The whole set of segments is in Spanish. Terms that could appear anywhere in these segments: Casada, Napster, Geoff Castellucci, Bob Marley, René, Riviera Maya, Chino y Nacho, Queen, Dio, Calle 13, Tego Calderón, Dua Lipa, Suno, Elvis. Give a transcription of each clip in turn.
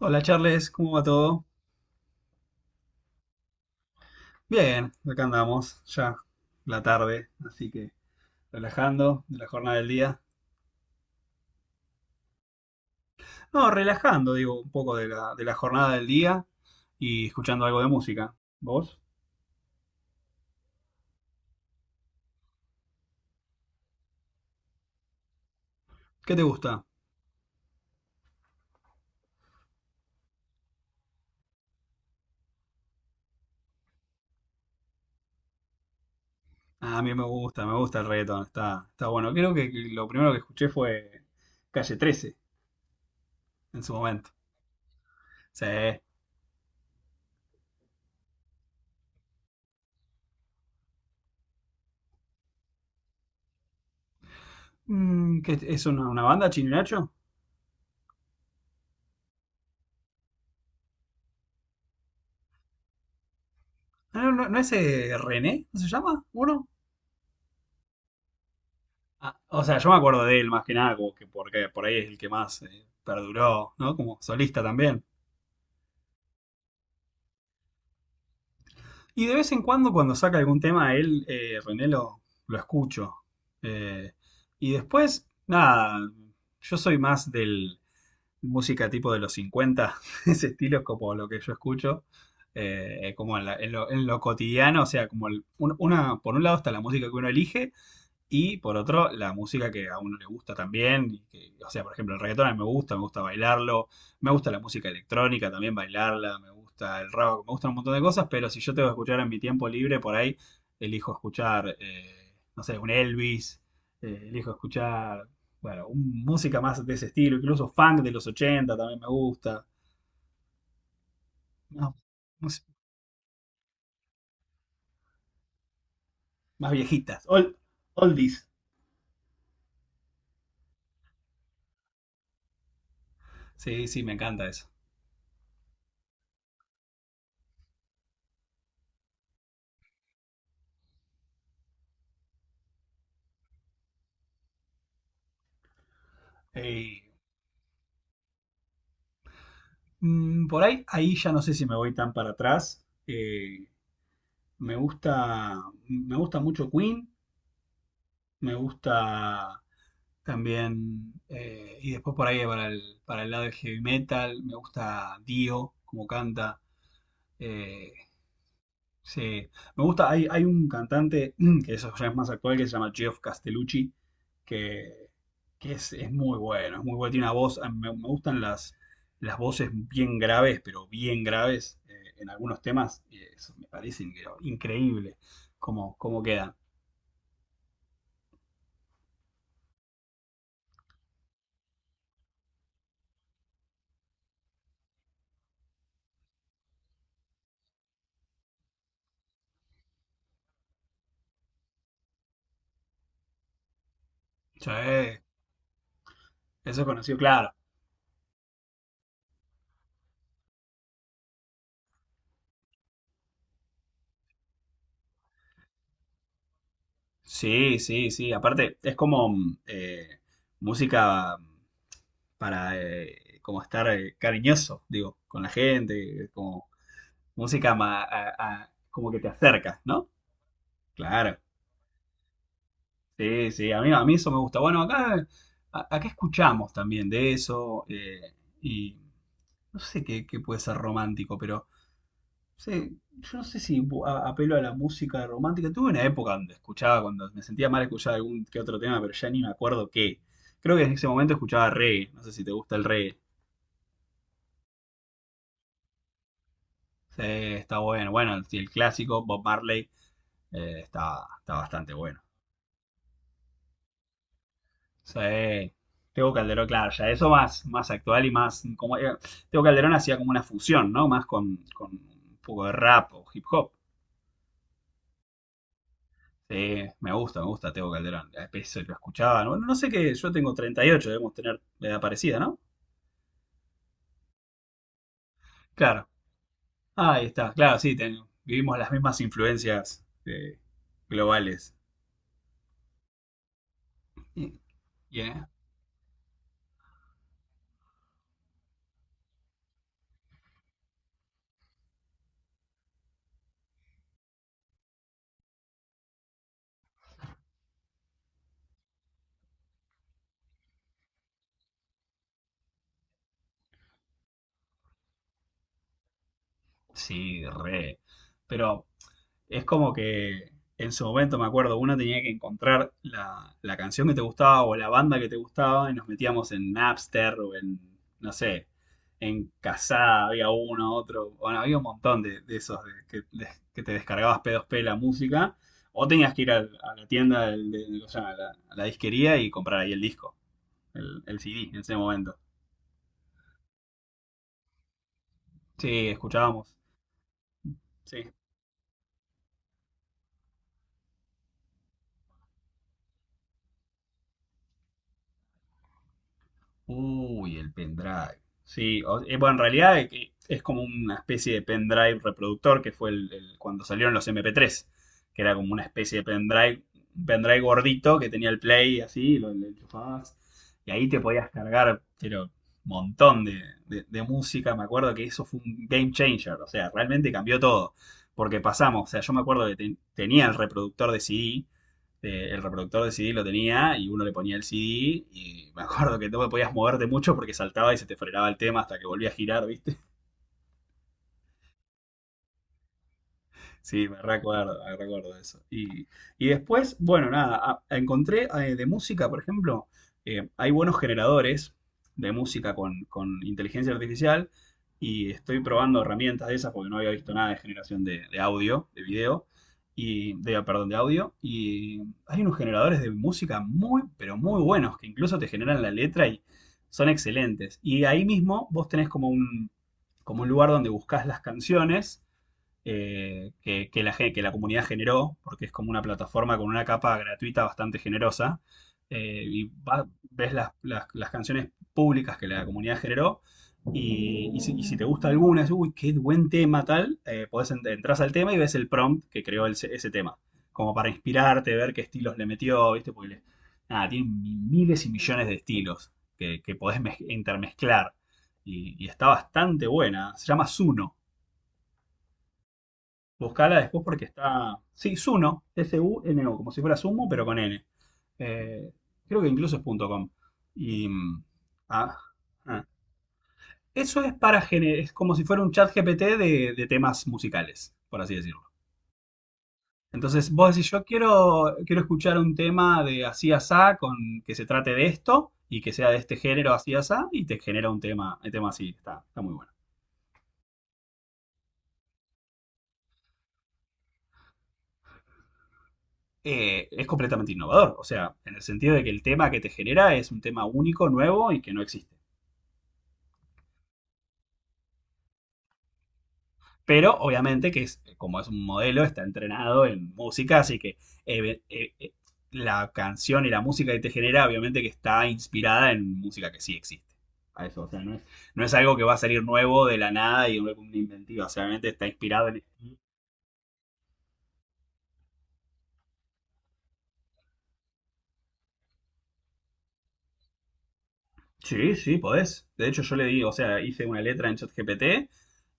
Hola Charles, ¿cómo va todo? Bien, acá andamos, ya la tarde, así que relajando de la jornada del día. No, relajando, digo, un poco de la jornada del día y escuchando algo de música. ¿Vos? ¿Qué te gusta? Ah, a mí me gusta el reggaetón, está, está bueno. Creo que lo primero que escuché fue Calle 13 en su momento. Sí. Mm, ¿qué es? ¿Es una banda, Chino y Nacho? Ah, ¿no, no, no es René? ¿No se llama? ¿Uno? Ah, o sea, yo me acuerdo de él más que nada, como que porque por ahí es el que más perduró, ¿no? Como solista también. Y de vez en cuando, cuando saca algún tema, él, René, lo escucho. Eh, y después, nada, yo soy más del música tipo de los 50 ese estilo es como lo que yo escucho, como en, en lo cotidiano, o sea, como una, por un lado está la música que uno elige. Y por otro, la música que a uno le gusta también. O sea, por ejemplo, el reggaetón a mí me gusta bailarlo, me gusta la música electrónica también bailarla, me gusta el rock, me gustan un montón de cosas, pero si yo tengo que escuchar en mi tiempo libre, por ahí elijo escuchar, no sé, un Elvis, elijo escuchar, bueno, música más de ese estilo, incluso funk de los 80 también me gusta, más, más- más viejitas, old, oldies. Sí, sí, me encanta eso. Ey, por ahí, ahí ya no sé si me voy tan para atrás. Me gusta, me gusta mucho Queen, me gusta también, y después por ahí para para el lado del heavy metal, me gusta Dio, como canta. eh, Sí, me gusta, hay un cantante que eso ya es más actual que se llama Geoff Castellucci, que, que es muy bueno, tiene una voz, me gustan las voces bien graves, pero bien graves, en algunos temas, y eso me parece increíble cómo, cómo quedan. Sí, eso es conocido, claro. Sí, sí, sí, aparte es como música para como estar cariñoso, digo, con la gente, como... música como que te acerca, ¿no? Claro, sí, sí, a mí eso me gusta. Bueno, acá, acá escuchamos también de eso, y no sé qué, qué puede ser romántico, pero sí, yo no sé si apelo a la música romántica. Tuve una época donde escuchaba, cuando me sentía mal escuchaba algún que otro tema, pero ya ni me acuerdo qué. Creo que en ese momento escuchaba reggae, no sé si te gusta el reggae. Sí, está bueno. Bueno, el clásico Bob Marley, está, está bastante bueno. Sí. Tego Calderón, claro, ya eso más, más actual y más. Como, Tego Calderón hacía como una fusión, ¿no? Más con un poco de rap o hip hop. Sí, me gusta Tego Calderón. A veces lo escuchaba. No no sé qué, yo tengo treinta y ocho, debemos tener la edad parecida, ¿no? Claro. Ahí está, claro, sí, vivimos las mismas influencias, globales. Y- y, eh, Sí, re. Pero es como que en su momento, me acuerdo, uno tenía que encontrar la canción que te gustaba o la banda que te gustaba y nos metíamos en Napster o en, no sé, en Casada había uno, otro, bueno, había un montón de esos que te descargabas P2P la música o tenías que ir a la tienda, ¿cómo se llama? A la, a la disquería y comprar ahí el disco, el CD en ese momento. Sí, escuchábamos. Sí. Uy, el pendrive. Sí, bueno, en realidad, que es como una especie de pendrive reproductor que fue cuando salieron los MP3, que era como una especie de pendrive, un pendrive gordito que tenía el play así, lo enchufabas y ahí te podías cargar, pero montón de música. Me acuerdo que eso fue un game changer, o sea, realmente cambió todo, porque pasamos, o sea, yo me acuerdo que tenía el reproductor de CD, el reproductor de CD lo tenía y uno le ponía el CD y me acuerdo que no podías moverte mucho porque saltaba y se te frenaba el tema hasta que volvía a girar, ¿viste? Sí, me recuerdo eso. Y después, bueno, nada, encontré, de música, por ejemplo, hay buenos generadores de música con inteligencia artificial y estoy probando herramientas de esas porque no había visto nada de generación de audio, de video, y de, perdón, de audio. Y hay unos generadores de música muy, pero muy buenos que incluso te generan la letra y son excelentes. Y ahí mismo vos tenés como un lugar donde buscas las canciones, que la comunidad generó, porque es como una plataforma con una capa gratuita bastante generosa, ves las canciones públicas que la comunidad generó, y si te gusta alguna, es, uy, qué buen tema tal, entras al tema y ves el prompt que creó ese tema, como para inspirarte, ver qué estilos le metió, ¿viste? Porque nada, tienen miles y millones de estilos que podés intermezclar, y está bastante buena, se llama Zuno. Buscala después porque está. Sí, Suno, S-U-N-O, como si fuera Sumo, pero con N. Eh, creo que incluso es .com. Y. mm, ah, ah. Eso es para es como si fuera un chat GPT de temas musicales, por así decirlo. Entonces vos decís, yo quiero, quiero escuchar un tema de así asá con que se trate de esto y que sea de este género así asá y te genera un tema así, está, está muy bueno. Es completamente innovador. O sea, en el sentido de que el tema que te genera es un tema único, nuevo y que no existe. Pero obviamente que es, como es un modelo, está entrenado en música, así que eh, eh, eh, la canción y la música que te genera, obviamente que está inspirada en música que sí existe. A eso, o sea, no es, no es algo que va a salir nuevo de la nada y una inventiva, o sea, obviamente está inspirado en. Sí, sí, podés. De hecho, yo le di, o sea, hice una letra en ChatGPT,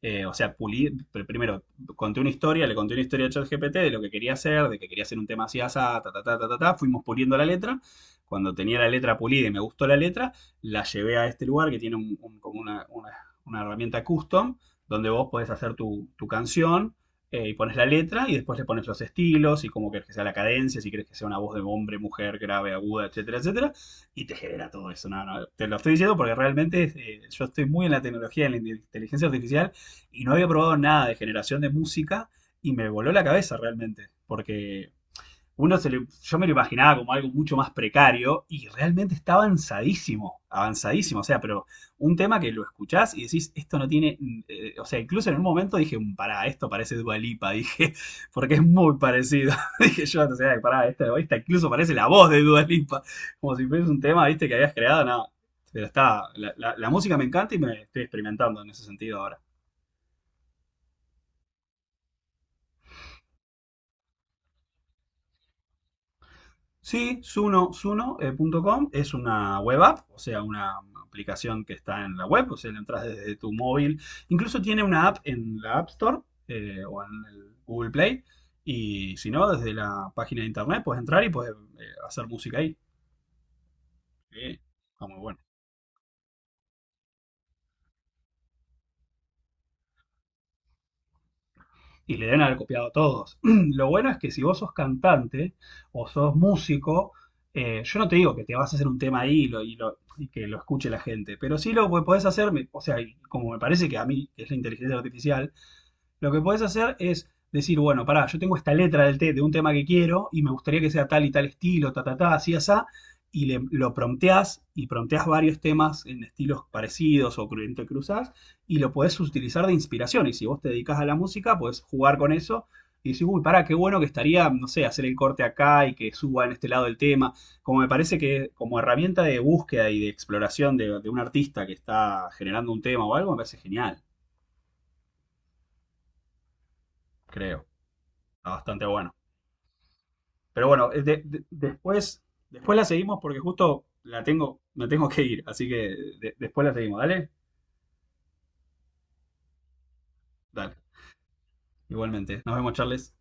o sea, pulí, primero conté una historia, le conté una historia a ChatGPT de lo que quería hacer, de que quería hacer un tema así, asá, ta, ta, ta, ta, ta, ta, fuimos puliendo la letra. Cuando tenía la letra pulida y me gustó la letra, la llevé a este lugar que tiene como una, una herramienta custom, donde vos podés hacer tu, tu canción, y pones la letra y después le pones los estilos y cómo querés que sea la cadencia, si querés que sea una voz de hombre, mujer, grave, aguda, etcétera, etcétera y te genera todo eso. No, no, te lo estoy diciendo porque realmente, yo estoy muy en la tecnología, en la inteligencia artificial y no había probado nada de generación de música y me voló la cabeza realmente, porque uno se le, yo me lo imaginaba como algo mucho más precario y realmente está avanzadísimo, avanzadísimo, o sea, pero un tema que lo escuchás y decís, esto no tiene, o sea, incluso en un momento dije, "Mm, pará, esto parece Dua Lipa", dije, porque es muy parecido, dije yo, o sea, pará, esta incluso parece la voz de Dua Lipa, como si fuese un tema, viste, que habías creado, no, pero está, la música me encanta y me estoy experimentando en ese sentido ahora. Sí, Suno, Suno.com es una web app, o sea, una aplicación que está en la web, o sea, la entras desde tu móvil. Incluso tiene una app en la App Store, o en el Google Play. Y si no, desde la página de internet puedes entrar y puedes hacer música ahí. Que está muy bueno. Y le deben haber copiado todos. Lo bueno es que si vos sos cantante o sos músico, yo no te digo que te vas a hacer un tema ahí y, y que lo escuche la gente, pero sí lo que podés hacer, o sea, y como me parece que a mí es la inteligencia artificial, lo que podés hacer es decir, bueno, pará, yo tengo esta letra del té de un tema que quiero y me gustaría que sea tal y tal estilo, ta, ta, ta, así, asá, y lo prompteás y prompteás varios temas en estilos parecidos o entrecruzás y lo podés utilizar de inspiración. Y si vos te dedicás a la música, podés jugar con eso y decir, uy, pará, qué bueno que estaría, no sé, hacer el corte acá y que suba en este lado el tema. Como me parece que como herramienta de búsqueda y de exploración de un artista que está generando un tema o algo, me parece genial, creo. Está bastante bueno. Pero bueno, después, después la seguimos porque justo la tengo, me tengo que ir, así que después la seguimos, ¿dale? Dale, igualmente. Nos vemos, Charles.